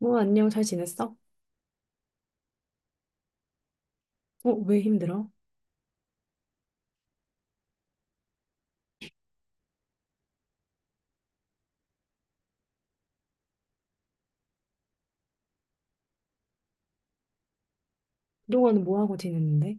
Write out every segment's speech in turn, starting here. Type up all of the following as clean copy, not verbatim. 어, 안녕, 잘 지냈어? 어, 왜 힘들어? 그동안은 뭐 하고 지냈는데?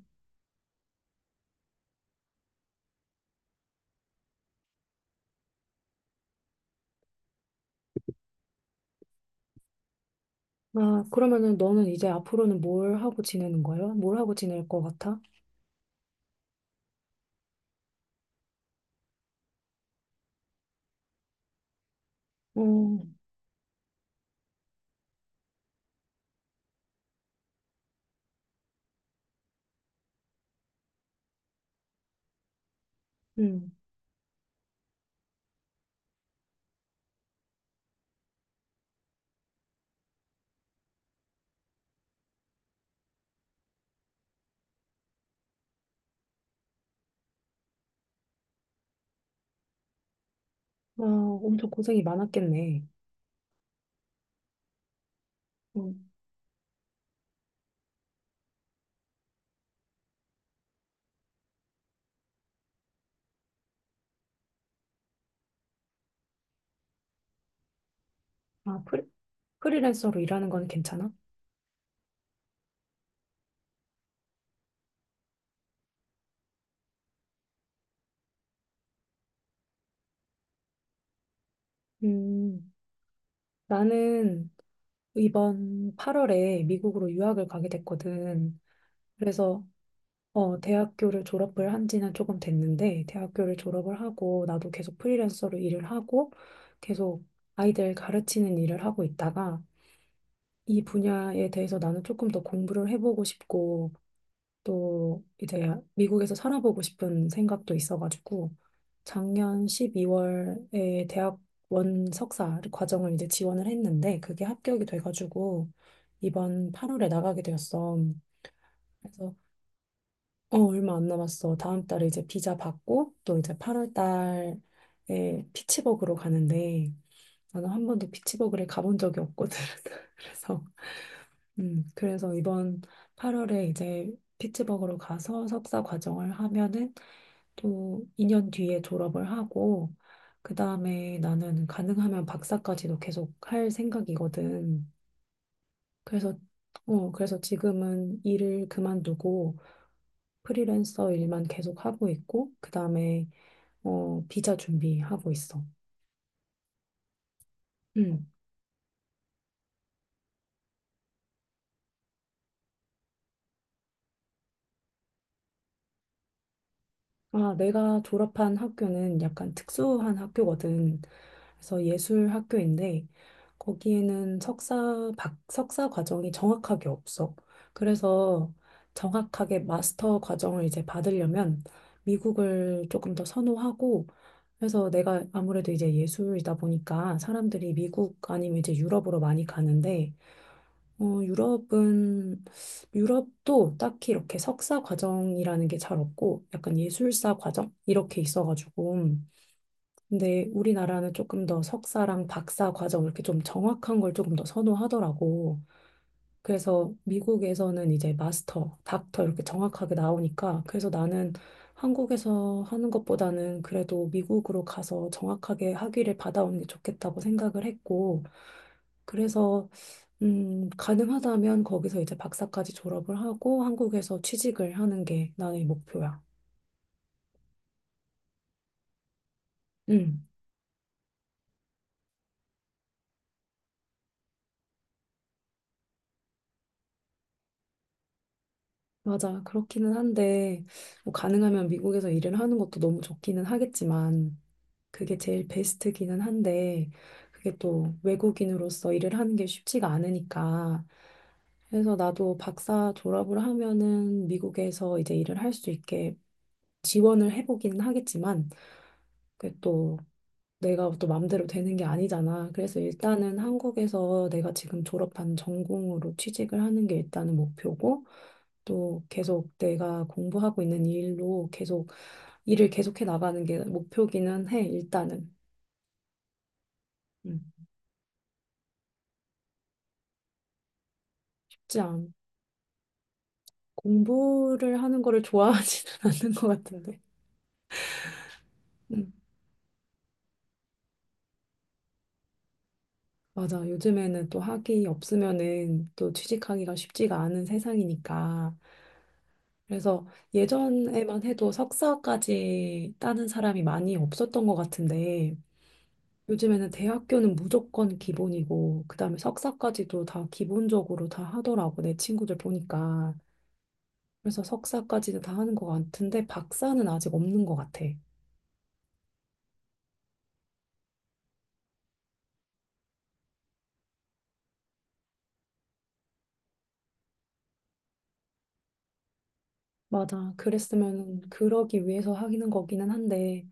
아, 그러면은 너는 이제 앞으로는 뭘 하고 지내는 거야? 뭘 하고 지낼 것 같아? 어, 음, 아, 엄청 고생이 많았겠네. 어, 아, 프리랜서로 일하는 건 괜찮아? 음, 나는 이번 8월에 미국으로 유학을 가게 됐거든. 그래서 어, 대학교를 졸업을 한 지는 조금 됐는데, 대학교를 졸업을 하고, 나도 계속 프리랜서로 일을 하고, 계속 아이들 가르치는 일을 하고 있다가, 이 분야에 대해서 나는 조금 더 공부를 해보고 싶고, 또 이제 미국에서 살아보고 싶은 생각도 있어가지고, 작년 12월에 대학원 석사 과정을 이제 지원을 했는데, 그게 합격이 돼가지고, 이번 8월에 나가게 되었어. 그래서 어, 얼마 안 남았어. 다음 달에 이제 비자 받고 또 이제 8월 달에 피츠버그로 가는데 나는 한 번도 피츠버그를 가본 적이 없거든. 그래서 그래서 이번 8월에 이제 피츠버그로 가서 석사 과정을 하면은 또 2년 뒤에 졸업을 하고 그다음에 나는 가능하면 박사까지도 계속 할 생각이거든. 그래서 어, 그래서 지금은 일을 그만두고 프리랜서 일만 계속 하고 있고, 그 다음에, 어, 비자 준비하고 있어. 음. 아, 내가 졸업한 학교는 약간 특수한 학교거든. 그래서 예술 학교인데, 거기에는 석사 과정이 정확하게 없어. 그래서 정확하게 마스터 과정을 이제 받으려면 미국을 조금 더 선호하고, 그래서 내가 아무래도 이제 예술이다 보니까 사람들이 미국 아니면 이제 유럽으로 많이 가는데, 어, 유럽도 딱히 이렇게 석사 과정이라는 게 잘 없고, 약간 예술사 과정? 이렇게 있어가지고. 근데 우리나라는 조금 더 석사랑 박사 과정 이렇게 좀 정확한 걸 조금 더 선호하더라고. 그래서 미국에서는 이제 마스터, 닥터 이렇게 정확하게 나오니까 그래서 나는 한국에서 하는 것보다는 그래도 미국으로 가서 정확하게 학위를 받아오는 게 좋겠다고 생각을 했고 그래서 가능하다면 거기서 이제 박사까지 졸업을 하고 한국에서 취직을 하는 게 나의 목표야. 음, 맞아. 그렇기는 한데 뭐 가능하면 미국에서 일을 하는 것도 너무 좋기는 하겠지만 그게 제일 베스트기는 한데, 그게 또 외국인으로서 일을 하는 게 쉽지가 않으니까. 그래서 나도 박사 졸업을 하면은 미국에서 이제 일을 할 수 있게 지원을 해보기는 하겠지만, 그게 또 내가 또 맘대로 되는 게 아니잖아. 그래서 일단은 한국에서 내가 지금 졸업한 전공으로 취직을 하는 게 일단은 목표고, 또 계속 내가 공부하고 있는 일로 계속 일을 계속해 나가는 게 목표기는 해, 일단은. 음, 쉽지 않 공부를 하는 거를 좋아하지는 않는 것 같은데. 음, 맞아. 요즘에는 또 학위 없으면은 또 취직하기가 쉽지가 않은 세상이니까. 그래서 예전에만 해도 석사까지 따는 사람이 많이 없었던 것 같은데 요즘에는 대학교는 무조건 기본이고 그다음에 석사까지도 다 기본적으로 다 하더라고. 내 친구들 보니까. 그래서 석사까지는 다 하는 것 같은데 박사는 아직 없는 것 같아. 맞아. 그랬으면 그러기 위해서 하기는 거기는 한데,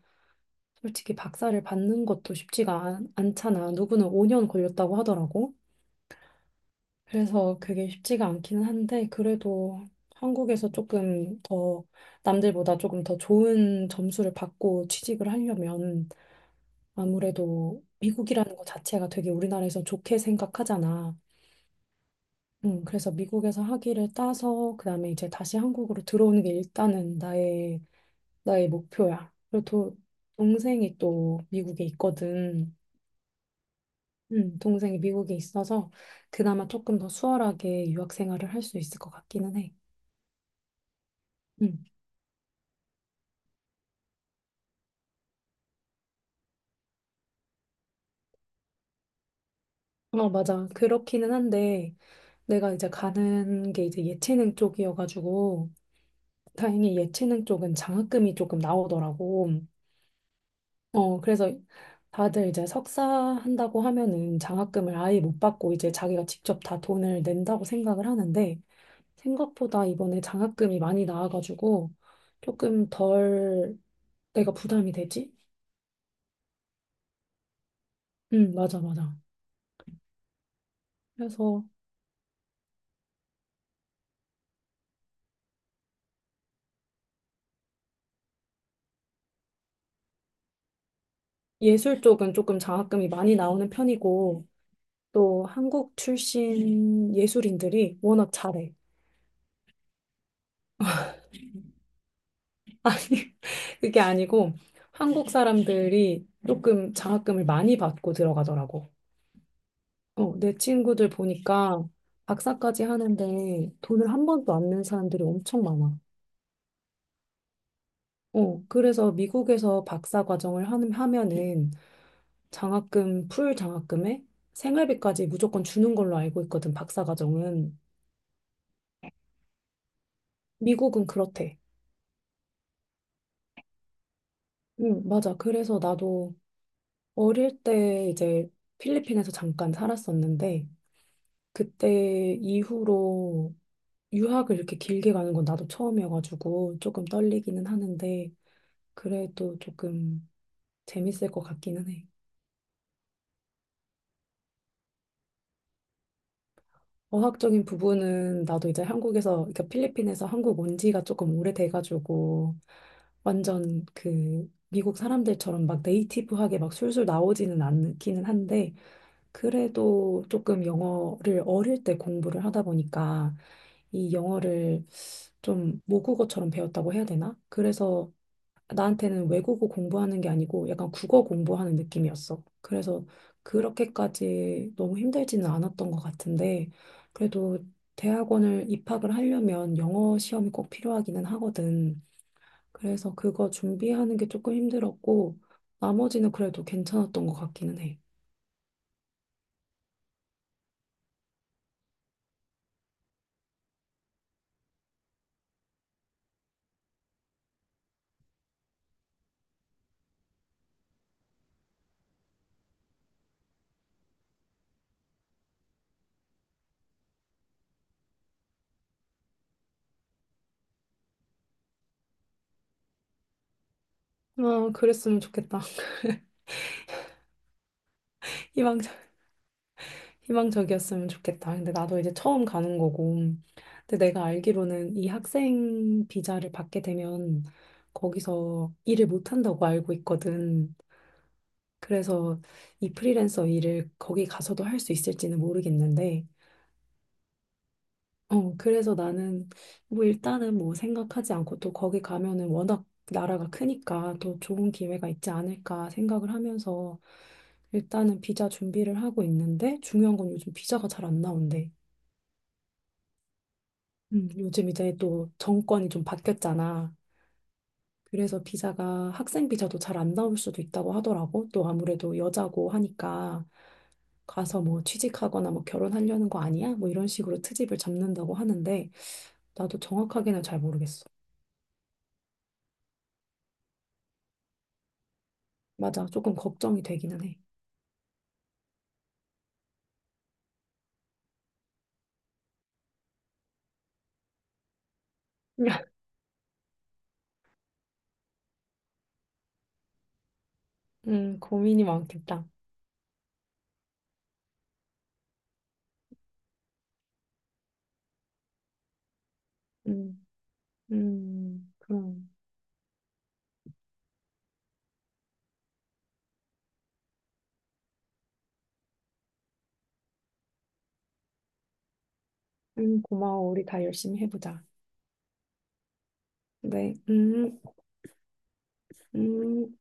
솔직히 박사를 받는 것도 않잖아. 누구는 5년 걸렸다고 하더라고. 그래서 그게 쉽지가 않기는 한데, 그래도 한국에서 조금 더, 남들보다 조금 더 좋은 점수를 받고 취직을 하려면, 아무래도 미국이라는 것 자체가 되게 우리나라에서 좋게 생각하잖아. 그래서 미국에서 학위를 따서, 그 다음에 이제 다시 한국으로 들어오는 게 일단은 나의 목표야. 동생이 또 미국에 있거든. 동생이 미국에 있어서 그나마 조금 더 수월하게 유학 생활을 할 수 있을 것 같기는 해. 음. 어, 맞아. 그렇기는 한데 내가 이제 가는 게 이제 예체능 쪽이어가지고 다행히 예체능 쪽은 장학금이 조금 나오더라고. 어, 그래서 다들 이제 석사 한다고 하면은 장학금을 아예 못 받고 이제 자기가 직접 다 돈을 낸다고 생각을 하는데 생각보다 이번에 장학금이 많이 나와가지고 조금 덜 내가 부담이 되지? 응, 맞아, 맞아. 그래서 예술 쪽은 조금 장학금이 많이 나오는 편이고 또 한국 출신 예술인들이 워낙 잘해. 아니, 그게 아니고 한국 사람들이 조금 장학금을 많이 받고 들어가더라고. 어, 내 친구들 보니까 박사까지 하는데 돈을 한 번도 안 낸 사람들이 엄청 많아. 어, 그래서 미국에서 하면은 장학금, 풀 장학금에 생활비까지 무조건 주는 걸로 알고 있거든, 박사 과정은. 미국은 그렇대. 응, 맞아. 그래서 나도 어릴 때 이제 필리핀에서 잠깐 살았었는데, 그때 이후로 유학을 이렇게 길게 가는 건 나도 처음이어가지고 조금 떨리기는 하는데, 그래도 조금 재밌을 것 같기는 해. 어학적인 부분은 나도 이제 한국에서, 그러니까 필리핀에서 한국 온 지가 조금 오래돼가지고 완전 그 미국 사람들처럼 막 네이티브하게 막 술술 나오지는 않기는 한데 그래도 조금 영어를 어릴 때 공부를 하다 보니까 이 영어를 좀 모국어처럼 배웠다고 해야 되나? 그래서 나한테는 외국어 공부하는 게 아니고 약간 국어 공부하는 느낌이었어. 그래서 그렇게까지 너무 힘들지는 않았던 것 같은데, 그래도 대학원을 입학을 하려면 영어 시험이 꼭 필요하기는 하거든. 그래서 그거 준비하는 게 조금 힘들었고, 나머지는 그래도 괜찮았던 것 같기는 해. 아, 그랬으면 좋겠다. 이왕 희망적이었으면 좋겠다. 근데 나도 이제 처음 가는 거고. 근데 내가 알기로는 이 학생 비자를 받게 되면 거기서 일을 못 한다고 알고 있거든. 그래서 이 프리랜서 일을 거기 가서도 할 수 있을지는 모르겠는데. 어, 그래서 나는 뭐 일단은 뭐 생각하지 않고 또 거기 가면은 워낙 나라가 크니까 또 좋은 기회가 있지 않을까 생각을 하면서 일단은 비자 준비를 하고 있는데 중요한 건 요즘 비자가 잘 안 나온대. 요즘 이제 또 정권이 좀 바뀌었잖아. 그래서 비자가 학생 비자도 잘 안 나올 수도 있다고 하더라고. 또 아무래도 여자고 하니까 가서 뭐 취직하거나 뭐 결혼하려는 거 아니야? 뭐 이런 식으로 트집을 잡는다고 하는데 나도 정확하게는 잘 모르겠어. 맞아. 조금 걱정이 되기는 해. 고민이 많겠다. 음, 그럼. 고마워. 우리 다 열심히 해보자. 네, 음.